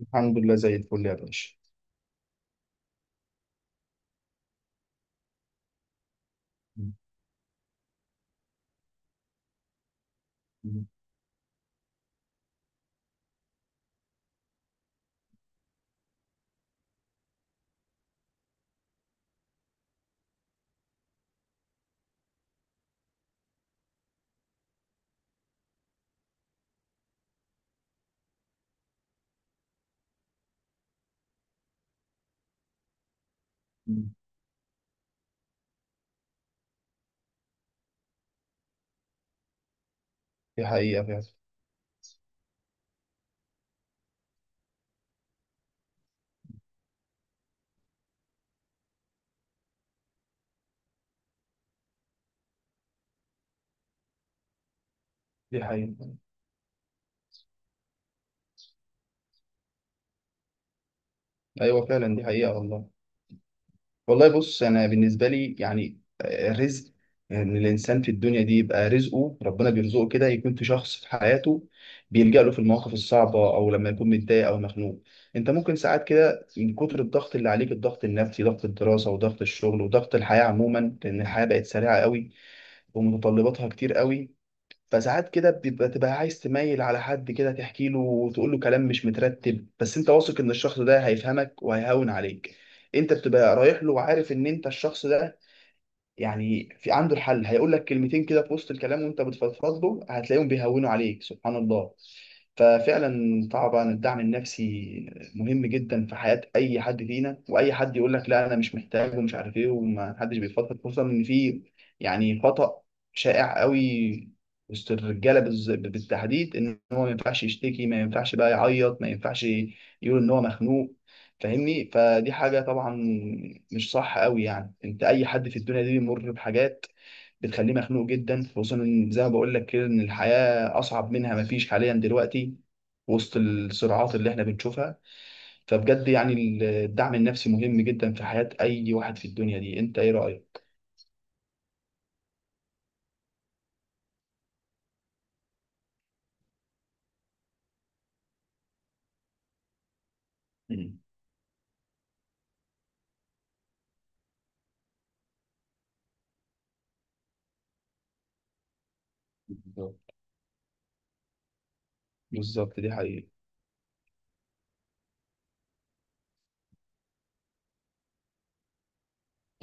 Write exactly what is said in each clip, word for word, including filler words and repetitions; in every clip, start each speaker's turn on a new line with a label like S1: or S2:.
S1: الحمد لله، زي الفل يا باشا. دي حقيقة فعلا. دي حقيقة. أيوة فعلا، دي حقيقة والله. والله بص، أنا بالنسبة لي يعني آه، رزق. إن الإنسان في الدنيا دي يبقى رزقه ربنا بيرزقه كده، يكون في شخص في حياته بيلجأ له في المواقف الصعبة أو لما يكون متضايق أو مخنوق. أنت ممكن ساعات كده من كتر الضغط اللي عليك، الضغط النفسي، ضغط الدراسة وضغط الشغل وضغط الحياة عموما، لأن الحياة بقت سريعة قوي ومتطلباتها كتير قوي. فساعات كده بتبقى تبقى عايز تميل على حد كده، تحكي له وتقول له كلام مش مترتب، بس انت واثق ان الشخص ده هيفهمك وهيهون عليك. انت بتبقى رايح له وعارف ان انت الشخص ده يعني في عنده الحل، هيقول لك كلمتين كده في وسط الكلام وانت بتفضفض له هتلاقيهم بيهونوا عليك سبحان الله. ففعلا طبعا الدعم النفسي مهم جدا في حياة اي حد فينا، واي حد يقول لك لا انا مش محتاج ومش عارف ايه وما حدش بيفضفض، خصوصا ان في يعني خطأ شائع قوي وسط الرجاله بالز- بالتحديد، ان هو ما ينفعش يشتكي، ما ينفعش بقى يعيط، ما ينفعش يقول ان هو مخنوق. فاهمني؟ فدي حاجة طبعا مش صح قوي. يعني انت اي حد في الدنيا دي بيمر بحاجات بتخليه مخنوق جدا، خصوصا إن زي ما بقول لك كده ان الحياة اصعب منها ما فيش حاليا دلوقتي وسط الصراعات اللي احنا بنشوفها. فبجد يعني الدعم النفسي مهم جدا في حياة اي واحد في الدنيا دي. انت ايه رأيك؟ مم. بالظبط. بالظبط، دي حقيقة.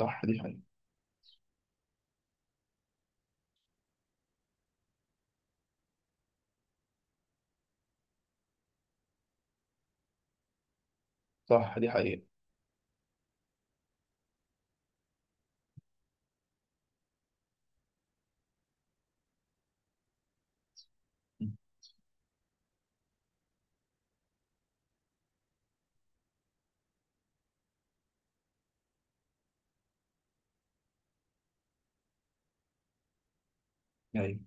S1: صح دي حقيقة. صح دي حقيقة. مم. ايوه.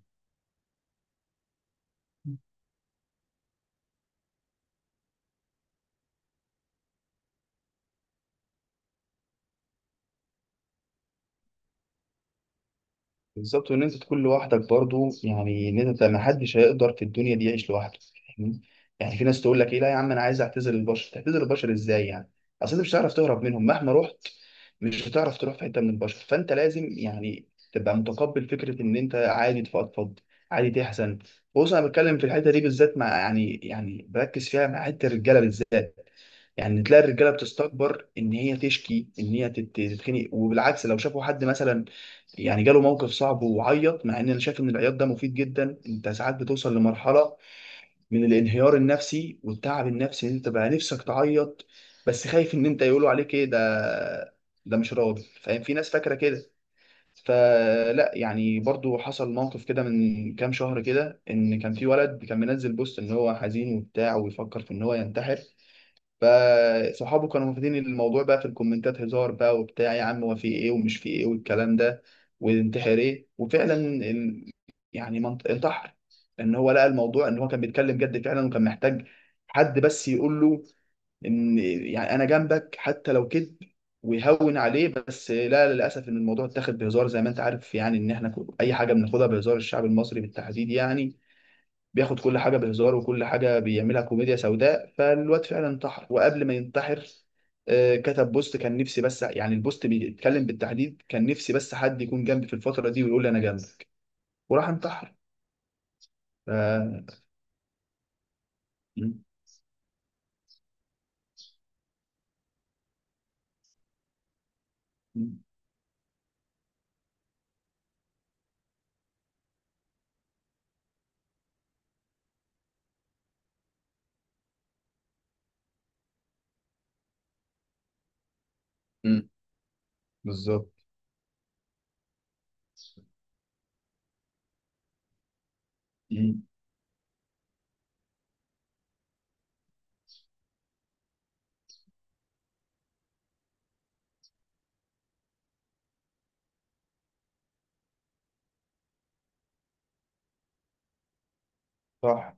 S1: بالظبط. وان انت تكون لوحدك برضو، يعني ان انت ما حدش هيقدر في الدنيا دي يعيش لوحده. فاهمني؟ يعني في ناس تقول لك ايه لا يا عم انا عايز اعتزل البشر. تعتزل البشر ازاي يعني؟ اصل انت مش هتعرف تهرب منهم مهما رحت، مش هتعرف تروح في حته من البشر، فانت لازم يعني تبقى متقبل فكره ان انت عادي تفضفض، عادي تحزن. بص انا بتكلم في الحته دي بالذات مع يعني يعني بركز فيها مع حته الرجاله بالذات. يعني تلاقي الرجاله بتستكبر ان هي تشكي، ان هي تت- تتخنق. وبالعكس لو شافوا حد مثلا يعني جاله موقف صعب وعيط، مع ان انا شايف ان العياط ده مفيد جدا. انت ساعات بتوصل لمرحله من الانهيار النفسي والتعب النفسي ان انت بقى نفسك تعيط، بس خايف ان انت يقولوا عليك ايه ده، ده مش راضي فاهم، في ناس فاكره كده. فلا يعني برضو حصل موقف كده من كام شهر كده، ان كان في ولد كان منزل بوست ان هو حزين وبتاع ويفكر في ان هو ينتحر. فصحابه كانوا واخدين الموضوع بقى في الكومنتات هزار بقى وبتاع، يا عم هو في ايه ومش في ايه والكلام ده، وانتحر ايه. وفعلا ال- يعني منط- انتحر. ان هو لقى الموضوع ان هو كان بيتكلم جد فعلا وكان محتاج حد بس يقول له ان يعني انا جنبك حتى لو كذب ويهون عليه. بس لا للاسف ان الموضوع اتاخد بهزار زي ما انت عارف. يعني ان احنا اي حاجه بناخدها بهزار، الشعب المصري بالتحديد يعني بياخد كل حاجه بهزار وكل حاجه بيعملها كوميديا سوداء. فالواد فعلا انتحر. وقبل ما ينتحر آه، كتب بوست كان نفسي، بس يعني البوست بيتكلم بالتحديد كان نفسي بس حد يكون جنبي في الفتره دي ويقول لي انا جنبك. وراح انتحر. ف... م- م- م- بالظبط. م- صح.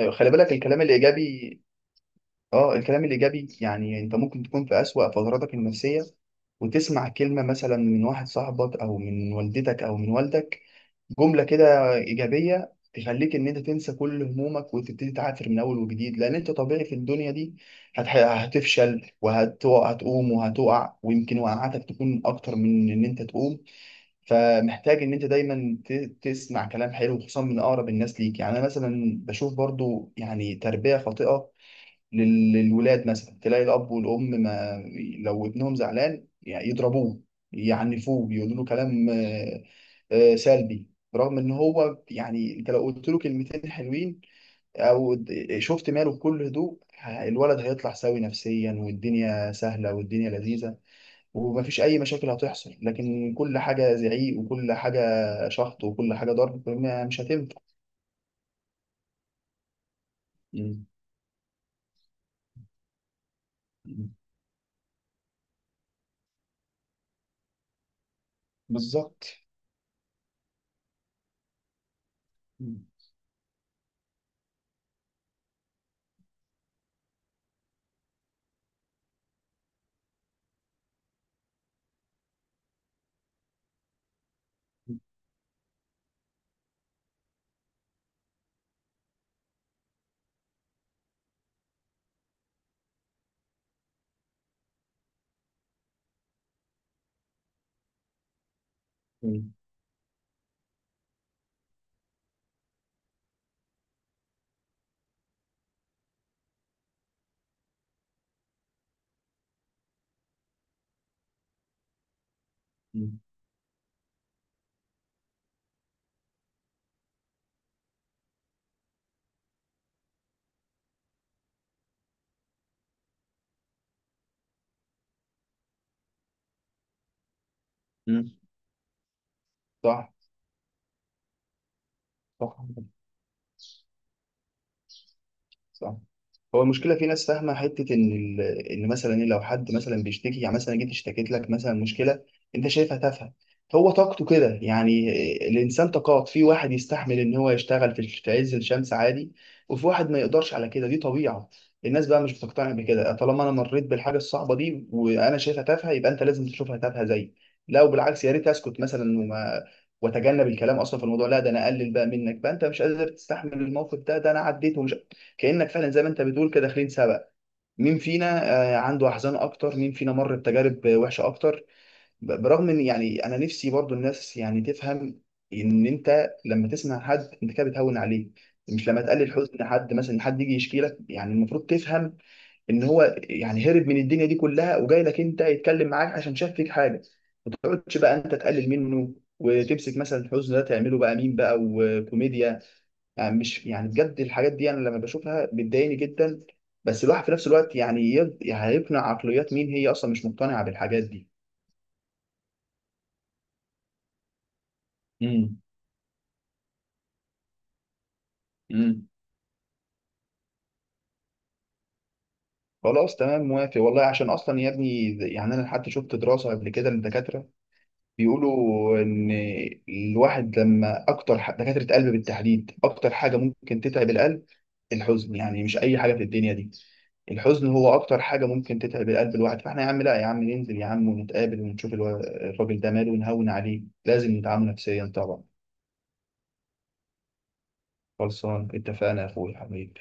S1: أيوة، خلي بالك الكلام الايجابي. اه، الكلام الايجابي يعني انت ممكن تكون في اسوأ فتراتك النفسيه وتسمع كلمه مثلا من واحد صاحبك او من والدتك او من والدك، جملة كده إيجابية تخليك إن أنت تنسى كل همومك وتبتدي تعافر من أول وجديد. لأن أنت طبيعي في الدنيا دي هتح- هتفشل وهتقوم وهتقع، ويمكن وقعاتك تكون أكتر من إن أنت تقوم. فمحتاج إن أنت دايما ت- تسمع كلام حلو خصوصا من أقرب الناس ليك. يعني أنا مثلا بشوف برضو يعني تربية خاطئة لل- للولاد. مثلا تلاقي الأب والأم، ما لو ابنهم زعلان يعني يضربوه، يعنفوه، يقولوا له كلام آه، سلبي، رغم ان هو يعني انت لو قلت له كلمتين حلوين او د- شفت ماله بكل هدوء، ه- الولد هيطلع سوي نفسيا، والدنيا سهله والدنيا لذيذه ومفيش اي مشاكل هتحصل. لكن كل حاجه زعيق، وكل حاجه شخط، وكل حاجه ضرب ما- مش هتنفع. مم. مم. بالظبط. مم. مم. مم. صح. صح. صح. هو المشكله في ناس فاهمه حته ان ال... ان مثلا إيه، لو حد مثلا بيشتكي يعني مثلا جيت اشتكيت لك مثلا مشكله انت شايفها تافهه، هو طاقته كده يعني. الانسان طاقات، في واحد يستحمل ان هو يشتغل في في عز الشمس عادي، وفي واحد ما يقدرش على كده. دي طبيعه. الناس بقى مش بتقتنع بكده، طالما انا مريت بالحاجه الصعبه دي وانا شايفها تافهه يبقى انت لازم تشوفها تافهه زيي. لا وبالعكس، يا ريت اسكت مثلا وما واتجنب الكلام اصلا في الموضوع. لا ده انا اقلل بقى منك بقى، انت مش قادر تستحمل الموقف ده، ده انا عديته. كأنك فعلا زي ما انت بتقول كده داخلين سباق، مين فينا آه، عنده احزان اكتر، مين فينا مر بتجارب آه، وحشه اكتر. ب- برغم ان يعني انا نفسي برضو الناس يعني تفهم ان انت لما تسمع حد انت كده بتهون عليه، مش لما تقلل حزن حد مثلا. حد يجي يشكي لك يعني المفروض تفهم ان هو يعني هرب من الدنيا دي كلها وجاي لك انت يتكلم معاك عشان شاف فيك حاجه. ما تقعدش بقى انت تقلل منه وتمسك مثلا الحزن ده تعمله بقى مين بقى وكوميديا. يعني مش يعني بجد الحاجات دي انا لما بشوفها بتضايقني جدا. بس الواحد في نفس الوقت يعني يب- يعني هيقنع عقليات مين هي اصلا مش مقتنعه بالحاجات دي. امم. امم. خلاص تمام، موافق والله. عشان اصلا يا ابني يعني انا حتى شفت دراسه قبل كده للدكاتره بيقولوا ان الواحد لما اكتر ح- دكاتره قلب بالتحديد اكتر حاجه ممكن تتعب القلب الحزن، يعني مش اي حاجه في الدنيا دي. الحزن هو اكتر حاجه ممكن تتعب القلب الواحد. فاحنا يا عم لا، يا عم ننزل يا عم ونتقابل ونشوف الو- الراجل ده ماله ونهون عليه. لازم ندعمه نفسيا طبعا. خلصان اتفقنا يا اخوي حبيبي.